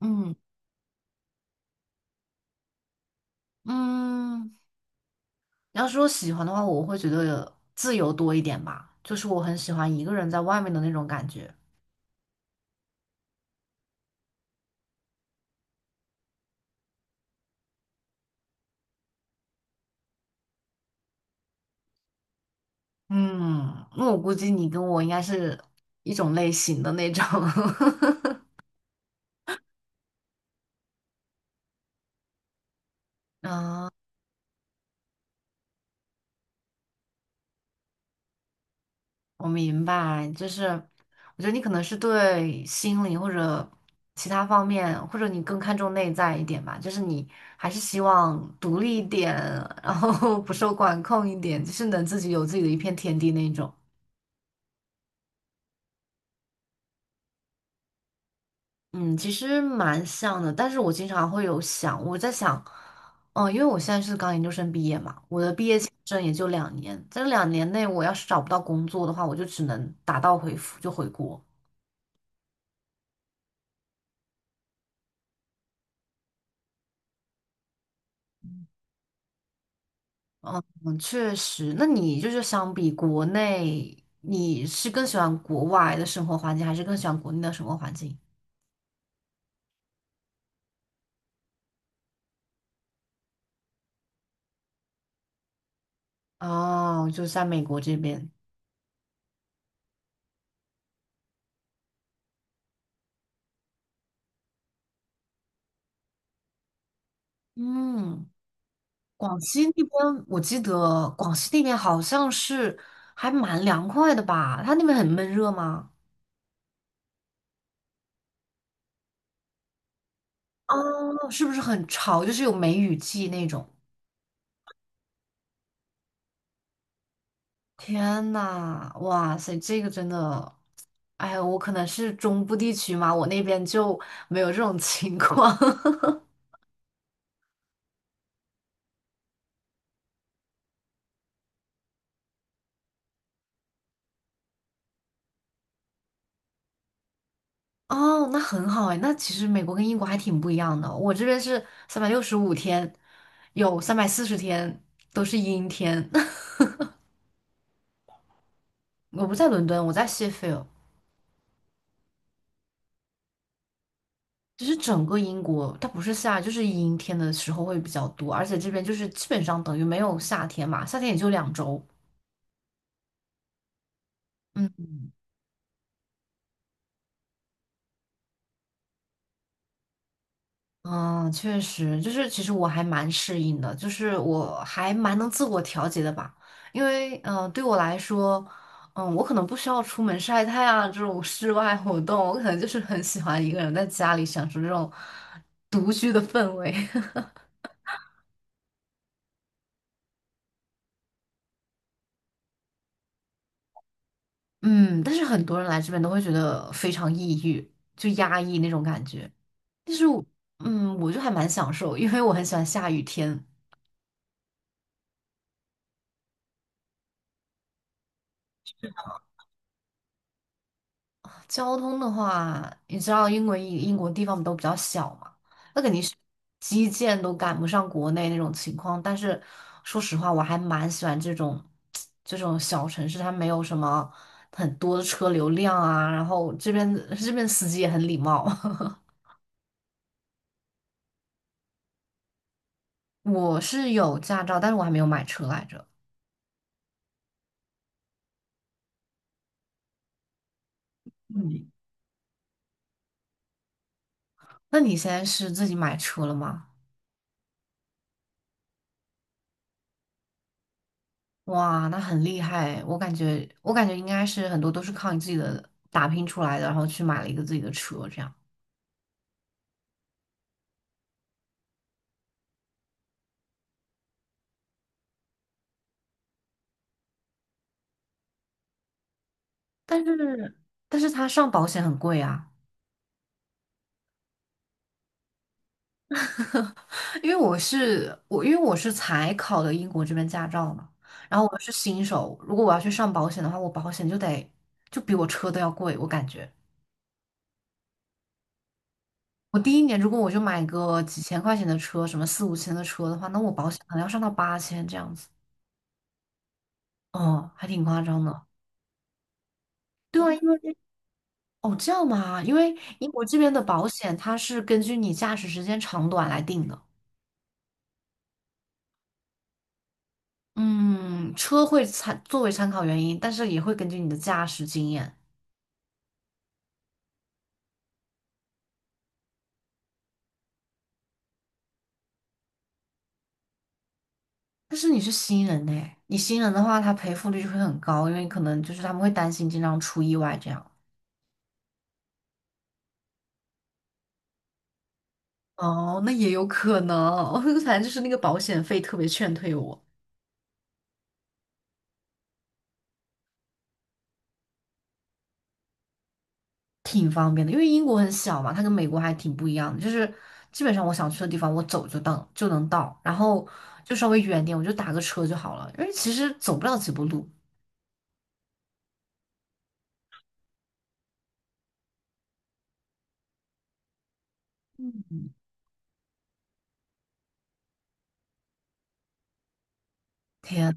嗯嗯，要是我喜欢的话，我会觉得自由多一点吧，就是我很喜欢一个人在外面的那种感觉。嗯，那我估计你跟我应该是一种类型的那种。我明白，就是我觉得你可能是对心理或者其他方面，或者你更看重内在一点吧，就是你还是希望独立一点，然后 不受管控一点，就是能自己有自己的一片天地那种。嗯，其实蛮像的，但是我经常会有想，我在想，嗯，因为我现在是刚研究生毕业嘛，我这也就两年，在这两年内，我要是找不到工作的话，我就只能打道回府，就回国。嗯，确实，那你就是相比国内，你是更喜欢国外的生活环境，还是更喜欢国内的生活环境？哦，就在美国这边。嗯，广西那边我记得广西那边好像是还蛮凉快的吧？它那边很闷热吗？哦，是不是很潮？就是有梅雨季那种。天呐，哇塞，这个真的，哎呀，我可能是中部地区嘛，我那边就没有这种 情况。哦，那很好哎，那其实美国跟英国还挺不一样的。我这边是365天，有340天都是阴天。我不在伦敦，我在谢菲尔。其实整个英国它不是夏，就是阴天的时候会比较多，而且这边就是基本上等于没有夏天嘛，夏天也就2周。嗯嗯，确实，就是其实我还蛮适应的，就是我还蛮能自我调节的吧。因为对我来说，嗯，我可能不需要出门晒太阳啊这种室外活动，我可能就是很喜欢一个人在家里享受这种独居的氛围。嗯，但是很多人来这边都会觉得非常抑郁，就压抑那种感觉。但是我就还蛮享受，因为我很喜欢下雨天。交通的话，你知道英国地方都比较小嘛，那肯定是基建都赶不上国内那种情况。但是说实话，我还蛮喜欢这种 这种小城市，它没有什么很多的车流量啊，然后这边 这边司机也很礼貌。我是有驾照，但是我还没有买车来着。嗯，那你现在是自己买车了吗？哇，那很厉害，我感觉应该是很多都是靠你自己的打拼出来的，然后去买了一个自己的车这样。但是但是他上保险很贵啊，因为我是才考的英国这边驾照嘛，然后我是新手，如果我要去上保险的话，我保险就得就比我车都要贵，我感觉。我第一年如果我就买个几千块钱的车，什么四五千的车的话，那我保险可能要上到8000这样子，哦，还挺夸张的。对啊，因为哦，这样吗？因为英国这边的保险它是根据你驾驶时间长短来定的。嗯，车会作为参考原因，但是也会根据你的驾驶经验。但是你是新人呢，你新人的话，他赔付率就会很高，因为可能就是他们会担心经常出意外这样。哦，那也有可能，反正就是那个保险费特别劝退我。挺方便的，因为英国很小嘛，它跟美国还挺不一样的，就是基本上我想去的地方，我走就能到，然后就稍微远点，我就打个车就好了，因为其实走不了几步路。天，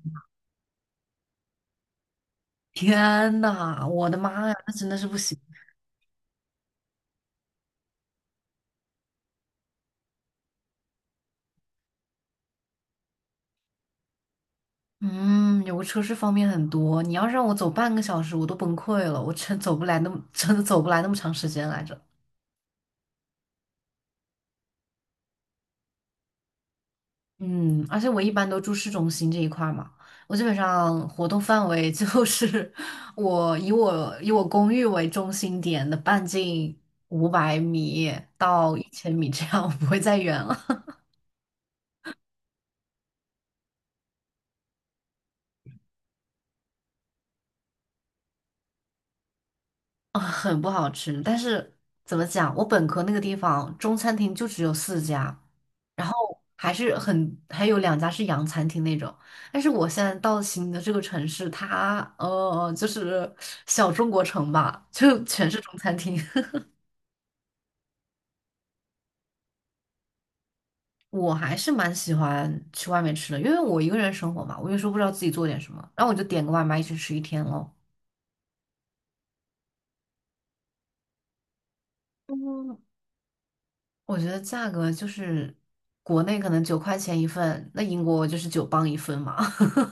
天呐，我的妈呀，那真的是不行。嗯，有个车是方便很多，你要是让我走半个小时，我都崩溃了，我真走不来那么，真的走不来那么长时间来着。嗯，而且我一般都住市中心这一块儿嘛，我基本上活动范围就是 我以我公寓为中心点的半径500米到1000米这样，我不会再远了。啊，很不好吃，但是怎么讲，我本科那个地方中餐厅就只有4家，然后还是还有2家是洋餐厅那种，但是我现在到新的这个城市，它就是小中国城吧，就全是中餐厅。我还是蛮喜欢去外面吃的，因为我一个人生活嘛，我有时候不知道自己做点什么，然后我就点个外卖一直吃一天咯。嗯，我觉得价格就是国内可能9块钱一份，那英国就是9磅一份嘛。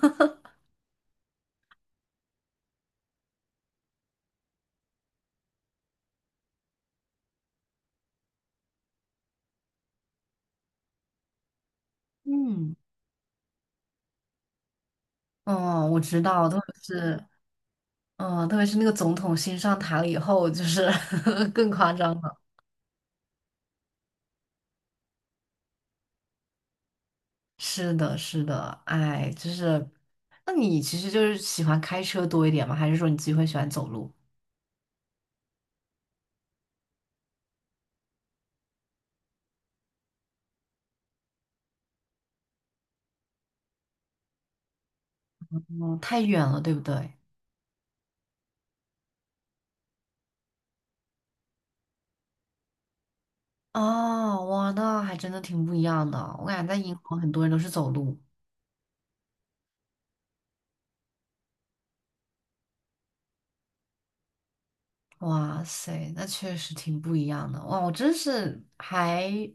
嗯，哦，我知道，特别是那个总统新上台了以后，就是 更夸张了。是的，是的，哎，就是，那你其实就是喜欢开车多一点吗？还是说你自己会喜欢走路？嗯，太远了，对不对？哦，哇，那还真的挺不一样的哦。我感觉在英国很多人都是走路，哇塞，那确实挺不一样的。哇，我真是还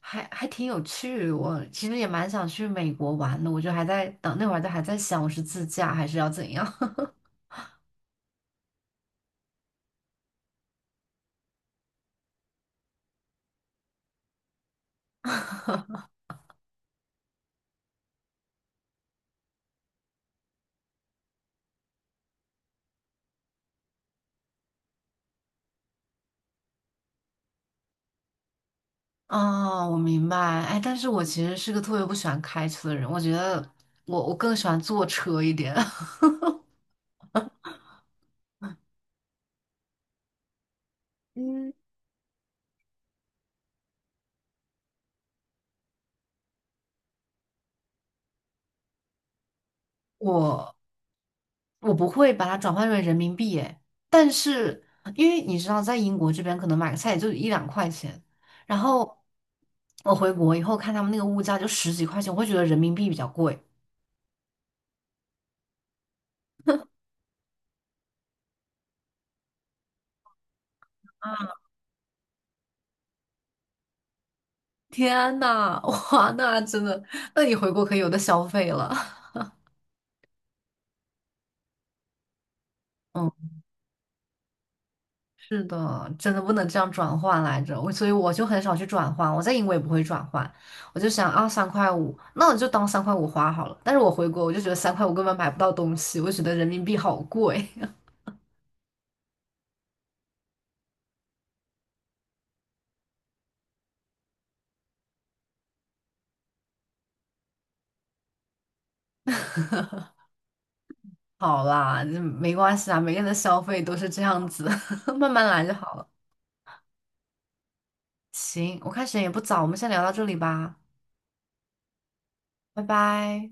还还挺有趣。我其实也蛮想去美国玩的，我就还在等那会儿，就还在想我是自驾还是要怎样。哦，我明白。哎，但是我其实是个特别不喜欢开车的人，我觉得我更喜欢坐车一点。嗯，我我不会把它转换成人民币诶，但是因为你知道，在英国这边可能买个菜也就一两块钱，然后我回国以后看他们那个物价就十几块钱，我会觉得人民币比较贵。天呐，哇，那真的，那你回国可以有的消费了。嗯，是的，真的不能这样转换来着，所以我就很少去转换，我在英国也不会转换，我就想啊，三块五，那我就当三块五花好了。但是我回国，我就觉得三块五根本买不到东西，我觉得人民币好贵。好啦，这没关系啊，每个人的消费都是这样子，慢慢来就好了。行，我看时间也不早，我们先聊到这里吧，拜拜。